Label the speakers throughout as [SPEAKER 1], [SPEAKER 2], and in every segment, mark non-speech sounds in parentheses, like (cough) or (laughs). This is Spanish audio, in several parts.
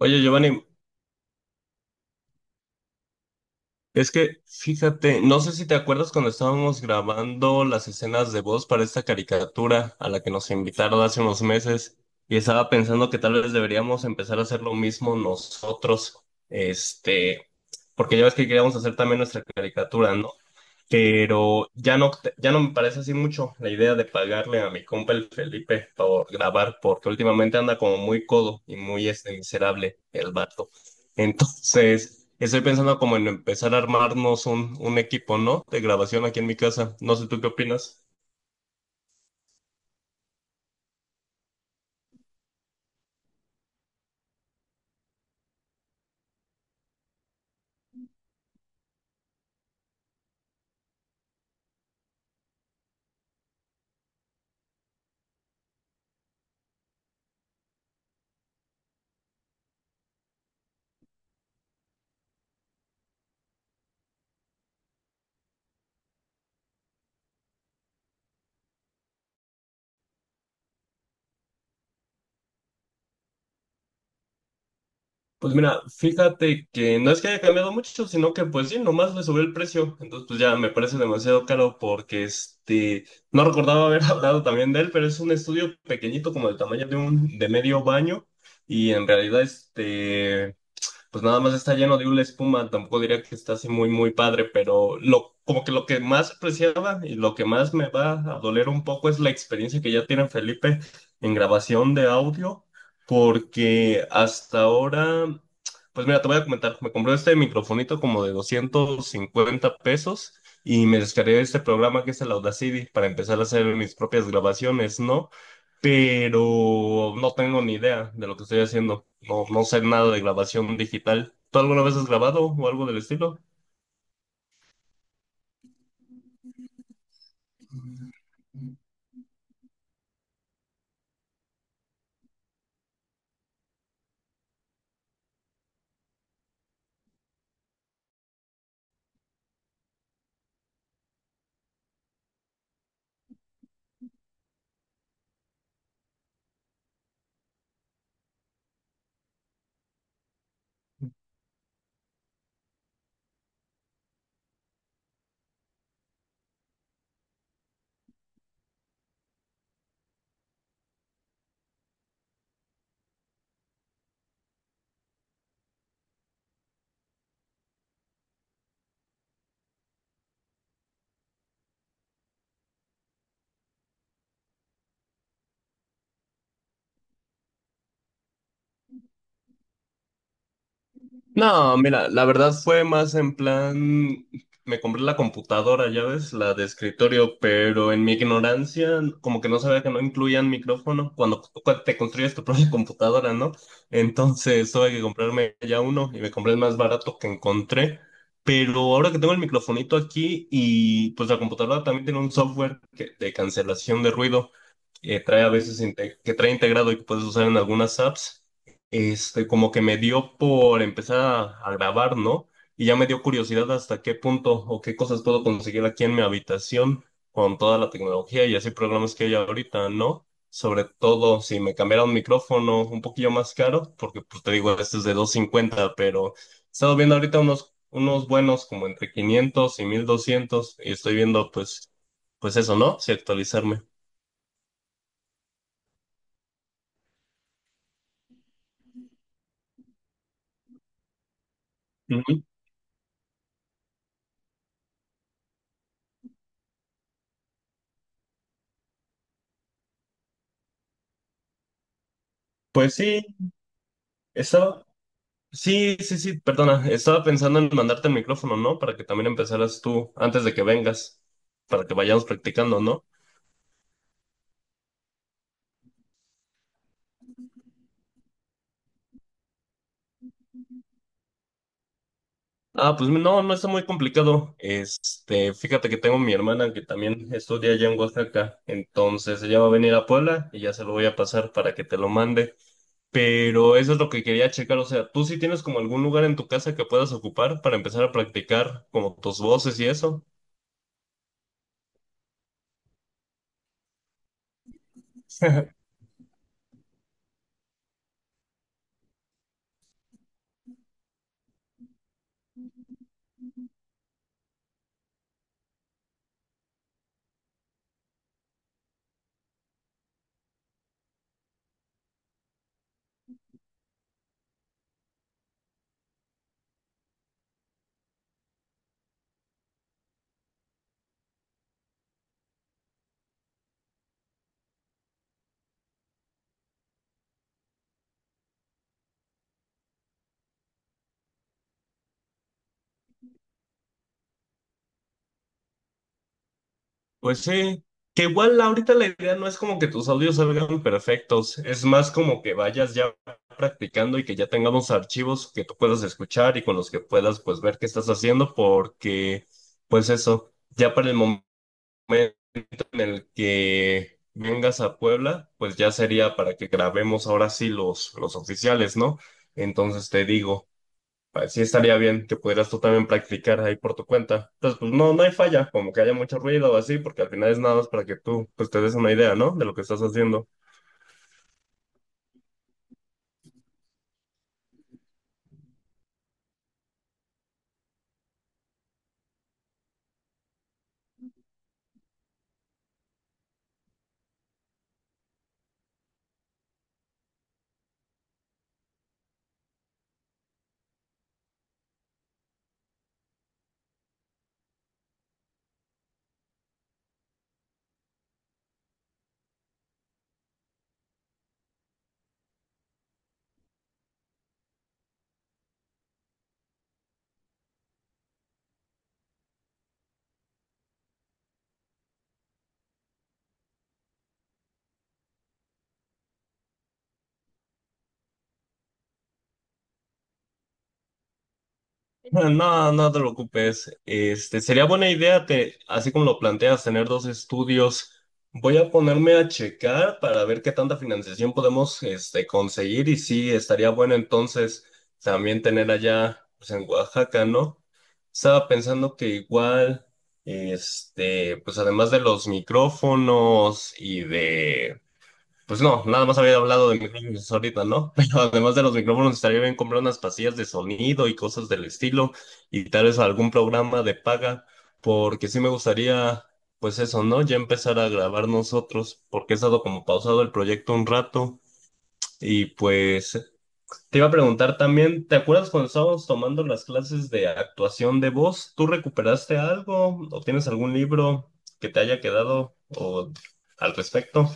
[SPEAKER 1] Oye, Giovanni, es que fíjate, no sé si te acuerdas cuando estábamos grabando las escenas de voz para esta caricatura a la que nos invitaron hace unos meses y estaba pensando que tal vez deberíamos empezar a hacer lo mismo nosotros, este, porque ya ves que queríamos hacer también nuestra caricatura, ¿no? Pero ya no, ya no me parece así mucho la idea de pagarle a mi compa el Felipe por grabar, porque últimamente anda como muy codo y muy miserable el vato. Entonces, estoy pensando como en empezar a armarnos un equipo, ¿no? De grabación aquí en mi casa. No sé tú qué opinas. Pues mira, fíjate que no es que haya cambiado mucho, sino que pues sí, nomás le subió el precio. Entonces pues ya me parece demasiado caro porque no recordaba haber (laughs) hablado también de él, pero es un estudio pequeñito como del tamaño de de medio baño y en realidad pues nada más está lleno de una espuma, tampoco diría que está así muy, muy padre, pero lo, como que lo que más apreciaba y lo que más me va a doler un poco es la experiencia que ya tiene Felipe en grabación de audio, porque hasta ahora, pues mira, te voy a comentar, me compré este microfonito como de 250 pesos. Y me descargué este programa que es el Audacity para empezar a hacer mis propias grabaciones, ¿no? Pero no tengo ni idea de lo que estoy haciendo. No, no sé nada de grabación digital. ¿Tú alguna vez has grabado o algo del estilo? No, mira, la verdad fue más en plan, me compré la computadora, ya ves, la de escritorio, pero en mi ignorancia, como que no sabía que no incluían micrófono cuando te construyes tu propia (laughs) computadora, ¿no? Entonces tuve que comprarme ya uno y me compré el más barato que encontré, pero ahora que tengo el microfonito aquí y pues la computadora también tiene un software de cancelación de ruido, que trae a veces que trae integrado y que puedes usar en algunas apps, como que me dio por empezar a grabar, ¿no? Y ya me dio curiosidad hasta qué punto o qué cosas puedo conseguir aquí en mi habitación con toda la tecnología y así programas que hay ahorita, ¿no? Sobre todo si me cambiara un micrófono un poquillo más caro, porque pues te digo, este es de 250 pero he estado viendo ahorita unos buenos como entre 500 y 1,200 y estoy viendo pues, pues eso, ¿no? Si actualizarme. Ujú. Pues sí, estaba, sí, sí, sí, perdona, estaba pensando en mandarte el micrófono, ¿no? Para que también empezaras tú antes de que vengas, para que vayamos practicando, ¿no? Ah, pues no, no está muy complicado. Fíjate que tengo mi hermana que también estudia allá en Oaxaca, entonces ella va a venir a Puebla y ya se lo voy a pasar para que te lo mande. Pero eso es lo que quería checar, o sea, ¿tú sí tienes como algún lugar en tu casa que puedas ocupar para empezar a practicar como tus voces y eso? (laughs) Pues sí, que igual ahorita la idea no es como que tus audios salgan perfectos, es más como que vayas ya practicando y que ya tengamos archivos que tú puedas escuchar y con los que puedas pues ver qué estás haciendo porque pues eso, ya para el momento en el que vengas a Puebla, pues ya sería para que grabemos ahora sí los oficiales, ¿no? Entonces te digo. Pues sí estaría bien que pudieras tú también practicar ahí por tu cuenta. Entonces, pues no, no hay falla, como que haya mucho ruido o así, porque al final es nada más para que tú pues te des una idea, ¿no? De lo que estás haciendo. No, no te preocupes. Sería buena idea, te, así como lo planteas, tener dos estudios. Voy a ponerme a checar para ver qué tanta financiación podemos, conseguir y sí, estaría bueno entonces también tener allá, pues en Oaxaca, ¿no? Estaba pensando que igual, pues además de los micrófonos y de pues no, nada más había hablado de micrófonos ahorita, ¿no? (laughs) Pero además de los micrófonos, estaría bien comprar unas pastillas de sonido y cosas del estilo, y tal vez algún programa de paga, porque sí me gustaría, pues eso, ¿no? Ya empezar a grabar nosotros, porque he estado como pausado el proyecto un rato, y pues te iba a preguntar también, ¿te acuerdas cuando estábamos tomando las clases de actuación de voz? ¿Tú recuperaste algo o tienes algún libro que te haya quedado o al respecto?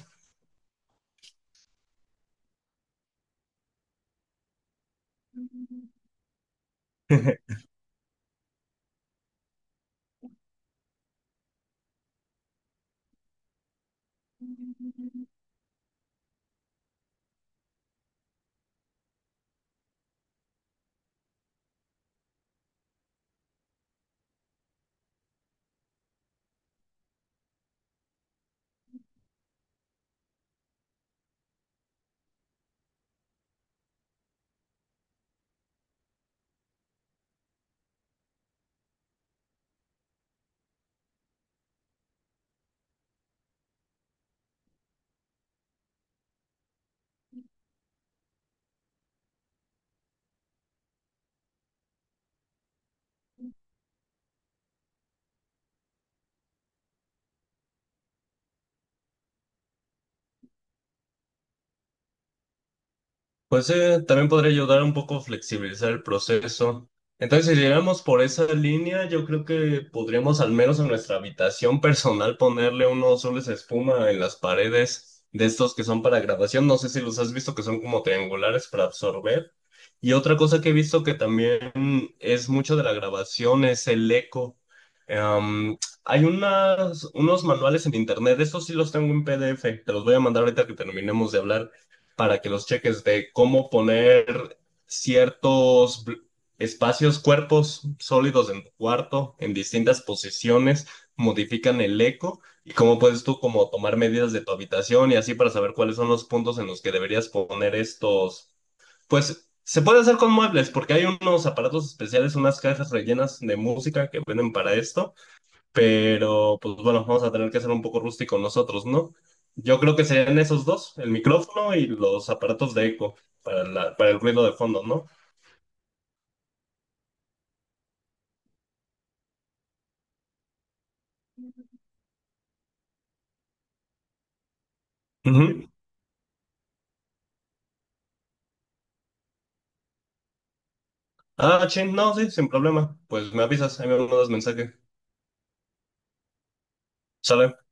[SPEAKER 1] Pues también podría ayudar un poco a flexibilizar el proceso. Entonces, si llegamos por esa línea, yo creo que podríamos al menos en nuestra habitación personal ponerle unos soles de espuma en las paredes de estos que son para grabación. No sé si los has visto que son como triangulares para absorber. Y otra cosa que he visto que también es mucho de la grabación es el eco. Em, hay unos manuales en internet, estos sí los tengo en PDF, te los voy a mandar ahorita que terminemos de hablar para que los cheques de cómo poner ciertos espacios, cuerpos sólidos en tu cuarto, en distintas posiciones, modifican el eco y cómo puedes tú como tomar medidas de tu habitación y así para saber cuáles son los puntos en los que deberías poner estos, pues se puede hacer con muebles porque hay unos aparatos especiales, unas cajas rellenas de música que venden para esto pero pues bueno, vamos a tener que ser un poco rústicos nosotros, ¿no? Yo creo que serían esos dos, el micrófono y los aparatos de eco para, para el ruido de fondo, ¿no? Ujú. Ah, ching, no, sí, sin problema. Pues me avisas, ahí me mandas mensaje. Sale.